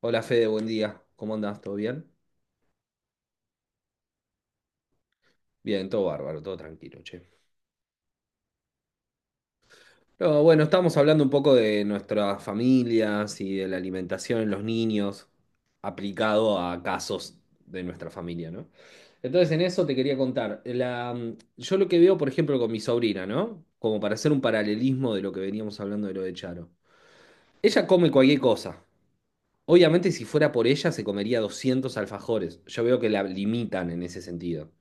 Hola Fede, buen día. ¿Cómo andás? ¿Todo bien? Bien, todo bárbaro, todo tranquilo, che. No, bueno, estamos hablando un poco de nuestras familias y de la alimentación en los niños aplicado a casos de nuestra familia, ¿no? Entonces, en eso te quería contar. Yo lo que veo, por ejemplo, con mi sobrina, ¿no? Como para hacer un paralelismo de lo que veníamos hablando de lo de Charo. Ella come cualquier cosa. Obviamente, si fuera por ella, se comería 200 alfajores. Yo veo que la limitan en ese sentido.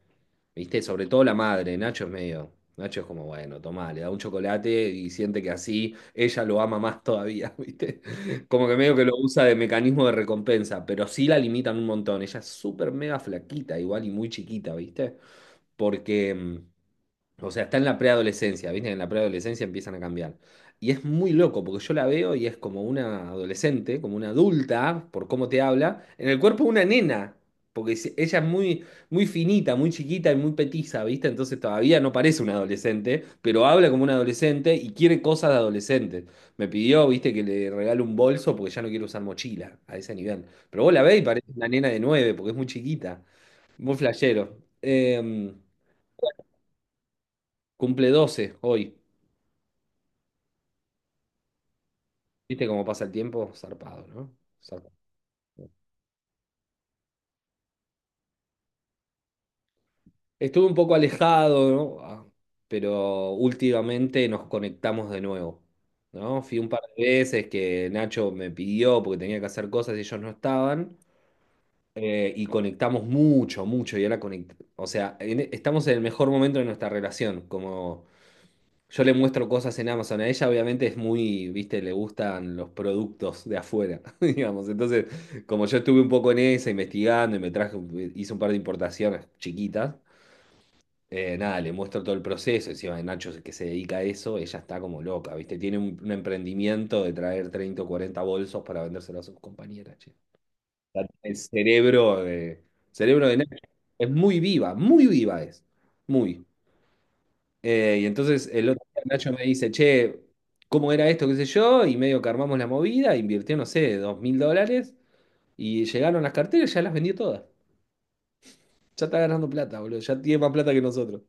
¿Viste? Sobre todo la madre, Nacho es medio. Nacho es como, bueno, tomá, le da un chocolate y siente que así ella lo ama más todavía, ¿viste? Como que medio que lo usa de mecanismo de recompensa, pero sí la limitan un montón. Ella es súper mega flaquita, igual y muy chiquita, ¿viste? Porque o sea, está en la preadolescencia, ¿viste? En la preadolescencia empiezan a cambiar. Y es muy loco, porque yo la veo y es como una adolescente, como una adulta, por cómo te habla, en el cuerpo de una nena, porque ella es muy, muy finita, muy chiquita y muy petiza, ¿viste? Entonces todavía no parece una adolescente, pero habla como una adolescente y quiere cosas de adolescente. Me pidió, ¿viste? Que le regale un bolso porque ya no quiere usar mochila a ese nivel. Pero vos la ves y parece una nena de 9, porque es muy chiquita, muy flashero. Cumple 12 hoy. Viste cómo pasa el tiempo, zarpado, ¿no? Zarpado. Estuve un poco alejado, ¿no? Ah, pero últimamente nos conectamos de nuevo, ¿no? Fui un par de veces que Nacho me pidió porque tenía que hacer cosas y ellos no estaban. Y conectamos mucho, mucho. Y ahora o sea, estamos en el mejor momento de nuestra relación, como yo le muestro cosas en Amazon. A ella obviamente es muy, viste, le gustan los productos de afuera, digamos. Entonces, como yo estuve un poco en esa, investigando y me traje, hice un par de importaciones chiquitas, nada, le muestro todo el proceso. Encima de Nacho que se dedica a eso, ella está como loca, viste. Tiene un emprendimiento de traer 30 o 40 bolsos para vendérselos a sus compañeras, che. El cerebro de Nacho es muy viva es. Muy. Y entonces el otro día Nacho me dice, che, ¿cómo era esto? ¿Qué sé yo? Y medio que armamos la movida, invirtió, no sé, 2000 dólares y llegaron las carteras, ya las vendió todas. Ya está ganando plata, boludo, ya tiene más plata que nosotros.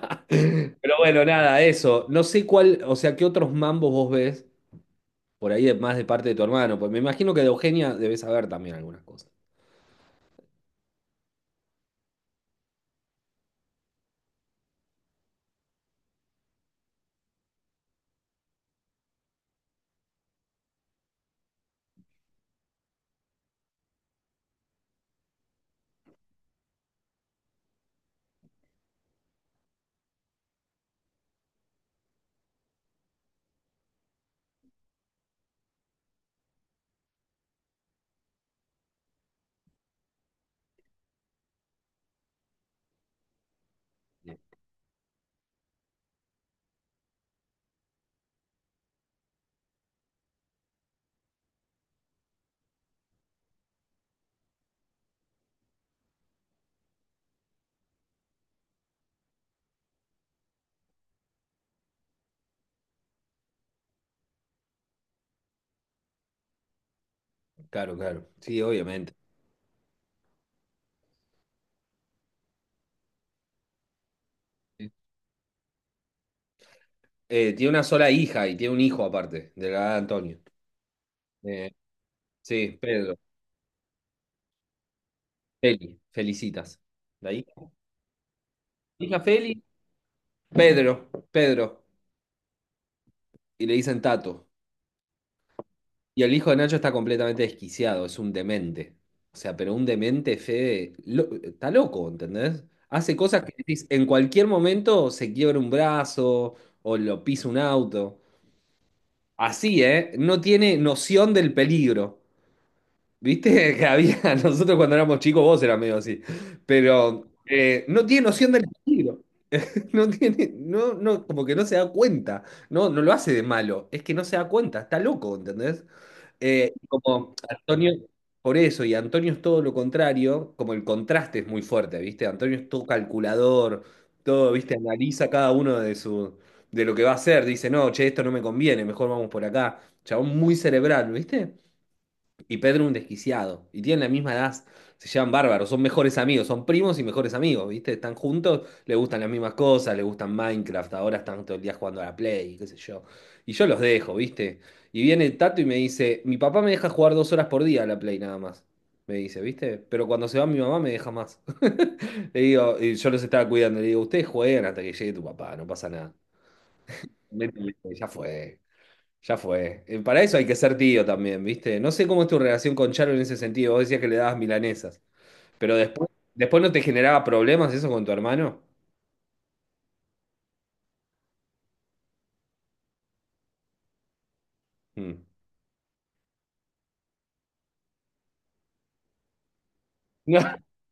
Pero bueno, nada, eso. No sé cuál, o sea, qué otros mambos vos ves por ahí más de parte de tu hermano. Pues me imagino que de Eugenia debes saber también algunas cosas. Claro, claro. Sí, obviamente. Tiene una sola hija y tiene un hijo aparte, de la edad de Antonio. Eh, sí, Pedro. Feli, felicitas. La hija Feli, Pedro, Pedro. Y le dicen Tato. Y el hijo de Nacho está completamente desquiciado, es un demente. O sea, pero un demente, Fede, está loco, ¿entendés? Hace cosas que decís, en cualquier momento se quiebra un brazo o lo pisa un auto. Así, ¿eh? No tiene noción del peligro. ¿Viste? Que había, nosotros cuando éramos chicos, vos eras medio así. Pero no tiene noción del peligro. No tiene, no, no, como que no se da cuenta. No, no lo hace de malo. Es que no se da cuenta, está loco, ¿entendés? Como Antonio, por eso, y Antonio es todo lo contrario, como el contraste es muy fuerte, ¿viste? Antonio es todo calculador, todo, ¿viste? Analiza cada uno de de lo que va a hacer. Dice, no, che, esto no me conviene, mejor vamos por acá. Chabón muy cerebral, ¿viste? Y Pedro un desquiciado. Y tienen la misma edad. Se llevan bárbaros. Son mejores amigos. Son primos y mejores amigos, ¿viste? Están juntos, le gustan las mismas cosas, le gustan Minecraft. Ahora están todo el día jugando a la Play, qué sé yo. Y yo los dejo, ¿viste? Y viene Tato y me dice, mi papá me deja jugar 2 horas por día a la Play nada más. Me dice, ¿viste? Pero cuando se va mi mamá me deja más. Le digo, y yo los estaba cuidando. Le digo, ustedes juegan hasta que llegue tu papá, no pasa nada. Métanle, ya fue. Ya fue. Para eso hay que ser tío también, ¿viste? No sé cómo es tu relación con Charo en ese sentido. Vos decías que le dabas milanesas. Pero después, después no te generaba problemas eso con tu hermano. Mm.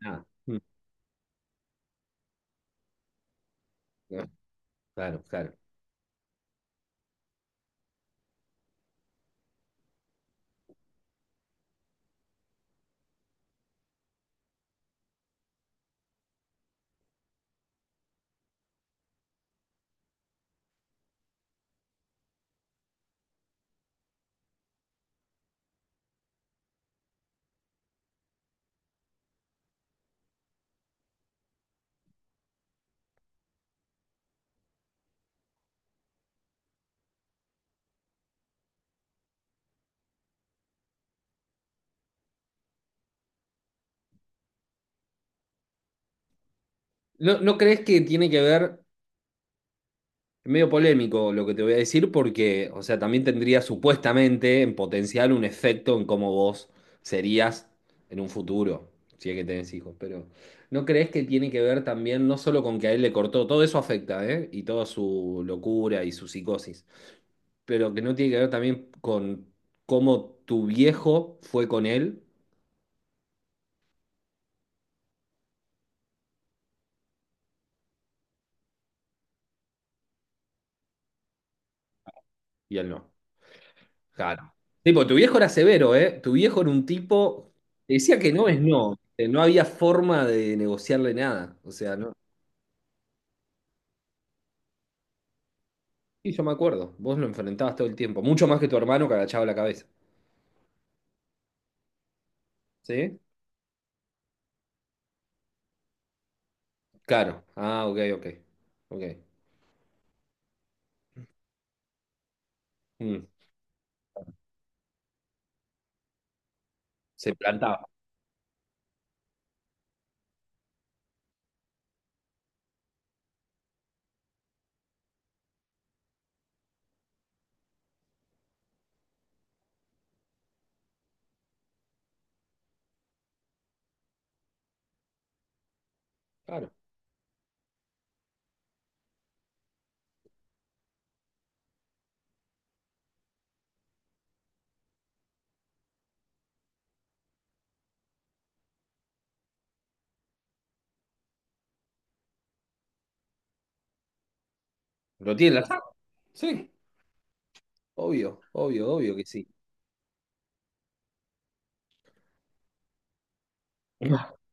No. Ah, no, claro, claro. ¿No, no crees que tiene que ver? Es medio polémico lo que te voy a decir porque, o sea, también tendría supuestamente en potencial un efecto en cómo vos serías en un futuro, si es que tenés hijos, pero ¿no crees que tiene que ver también no solo con que a él le cortó, todo eso afecta, ¿eh? Y toda su locura y su psicosis, pero que no tiene que ver también con cómo tu viejo fue con él y él no? Claro. Tipo, tu viejo era severo, ¿eh? Tu viejo era un tipo. Te decía que no es no. No había forma de negociarle nada. O sea, no. Sí, yo me acuerdo. Vos lo enfrentabas todo el tiempo. Mucho más que tu hermano que agachaba la cabeza. ¿Sí? Claro. Ah, ok, ok. Ok. Mm. Se plantaba. Claro. ¿Lo tiene en la sangre? Sí. Obvio, obvio, obvio que sí.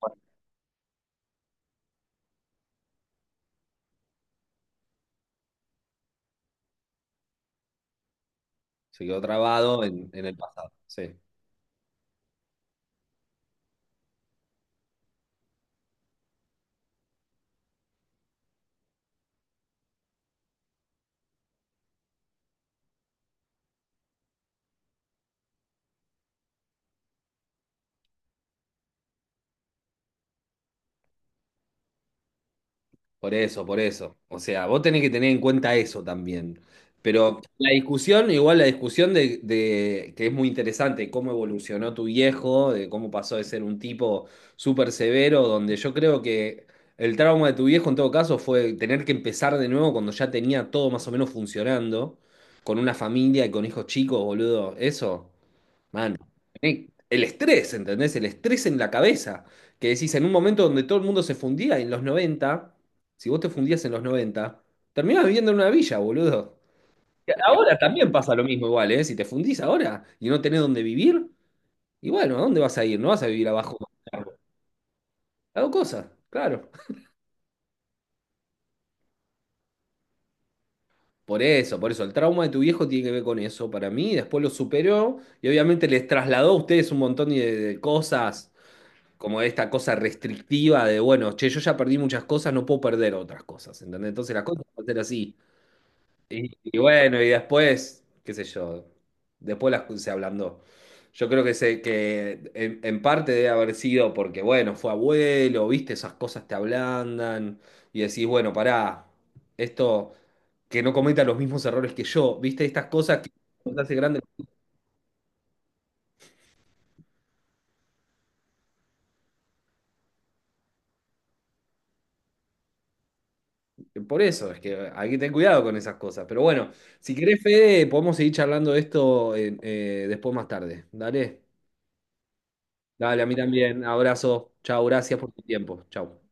Bueno, se quedó trabado en el pasado. Sí. Por eso, por eso. O sea, vos tenés que tener en cuenta eso también. Pero la discusión, igual la discusión que es muy interesante, cómo evolucionó tu viejo, de cómo pasó de ser un tipo súper severo, donde yo creo que el trauma de tu viejo en todo caso fue tener que empezar de nuevo cuando ya tenía todo más o menos funcionando, con una familia y con hijos chicos, boludo. Eso, el estrés, ¿entendés? El estrés en la cabeza. Que decís, en un momento donde todo el mundo se fundía en los 90. Si vos te fundías en los 90, terminás viviendo en una villa, boludo. Y ahora también pasa lo mismo igual, ¿eh? Si te fundís ahora y no tenés dónde vivir, y bueno, ¿a dónde vas a ir? No vas a vivir abajo. Hago cosas, claro. Por eso, el trauma de tu viejo tiene que ver con eso para mí. Después lo superó y obviamente les trasladó a ustedes un montón de cosas como esta cosa restrictiva de, bueno, che, yo ya perdí muchas cosas, no puedo perder otras cosas, ¿entendés? Entonces las cosas van a ser así. Y bueno, y después, qué sé yo, después se ablandó. Yo creo que, que en parte debe haber sido porque, bueno, fue abuelo, viste, esas cosas te ablandan y decís, bueno, pará, esto, que no cometa los mismos errores que yo, viste, estas cosas que cuando te hace grande. Por eso, es que hay que tener cuidado con esas cosas. Pero bueno, si querés, Fede, podemos seguir charlando de esto después más tarde. Dale. Dale, a mí también. Abrazo. Chao, gracias por tu tiempo. Chao.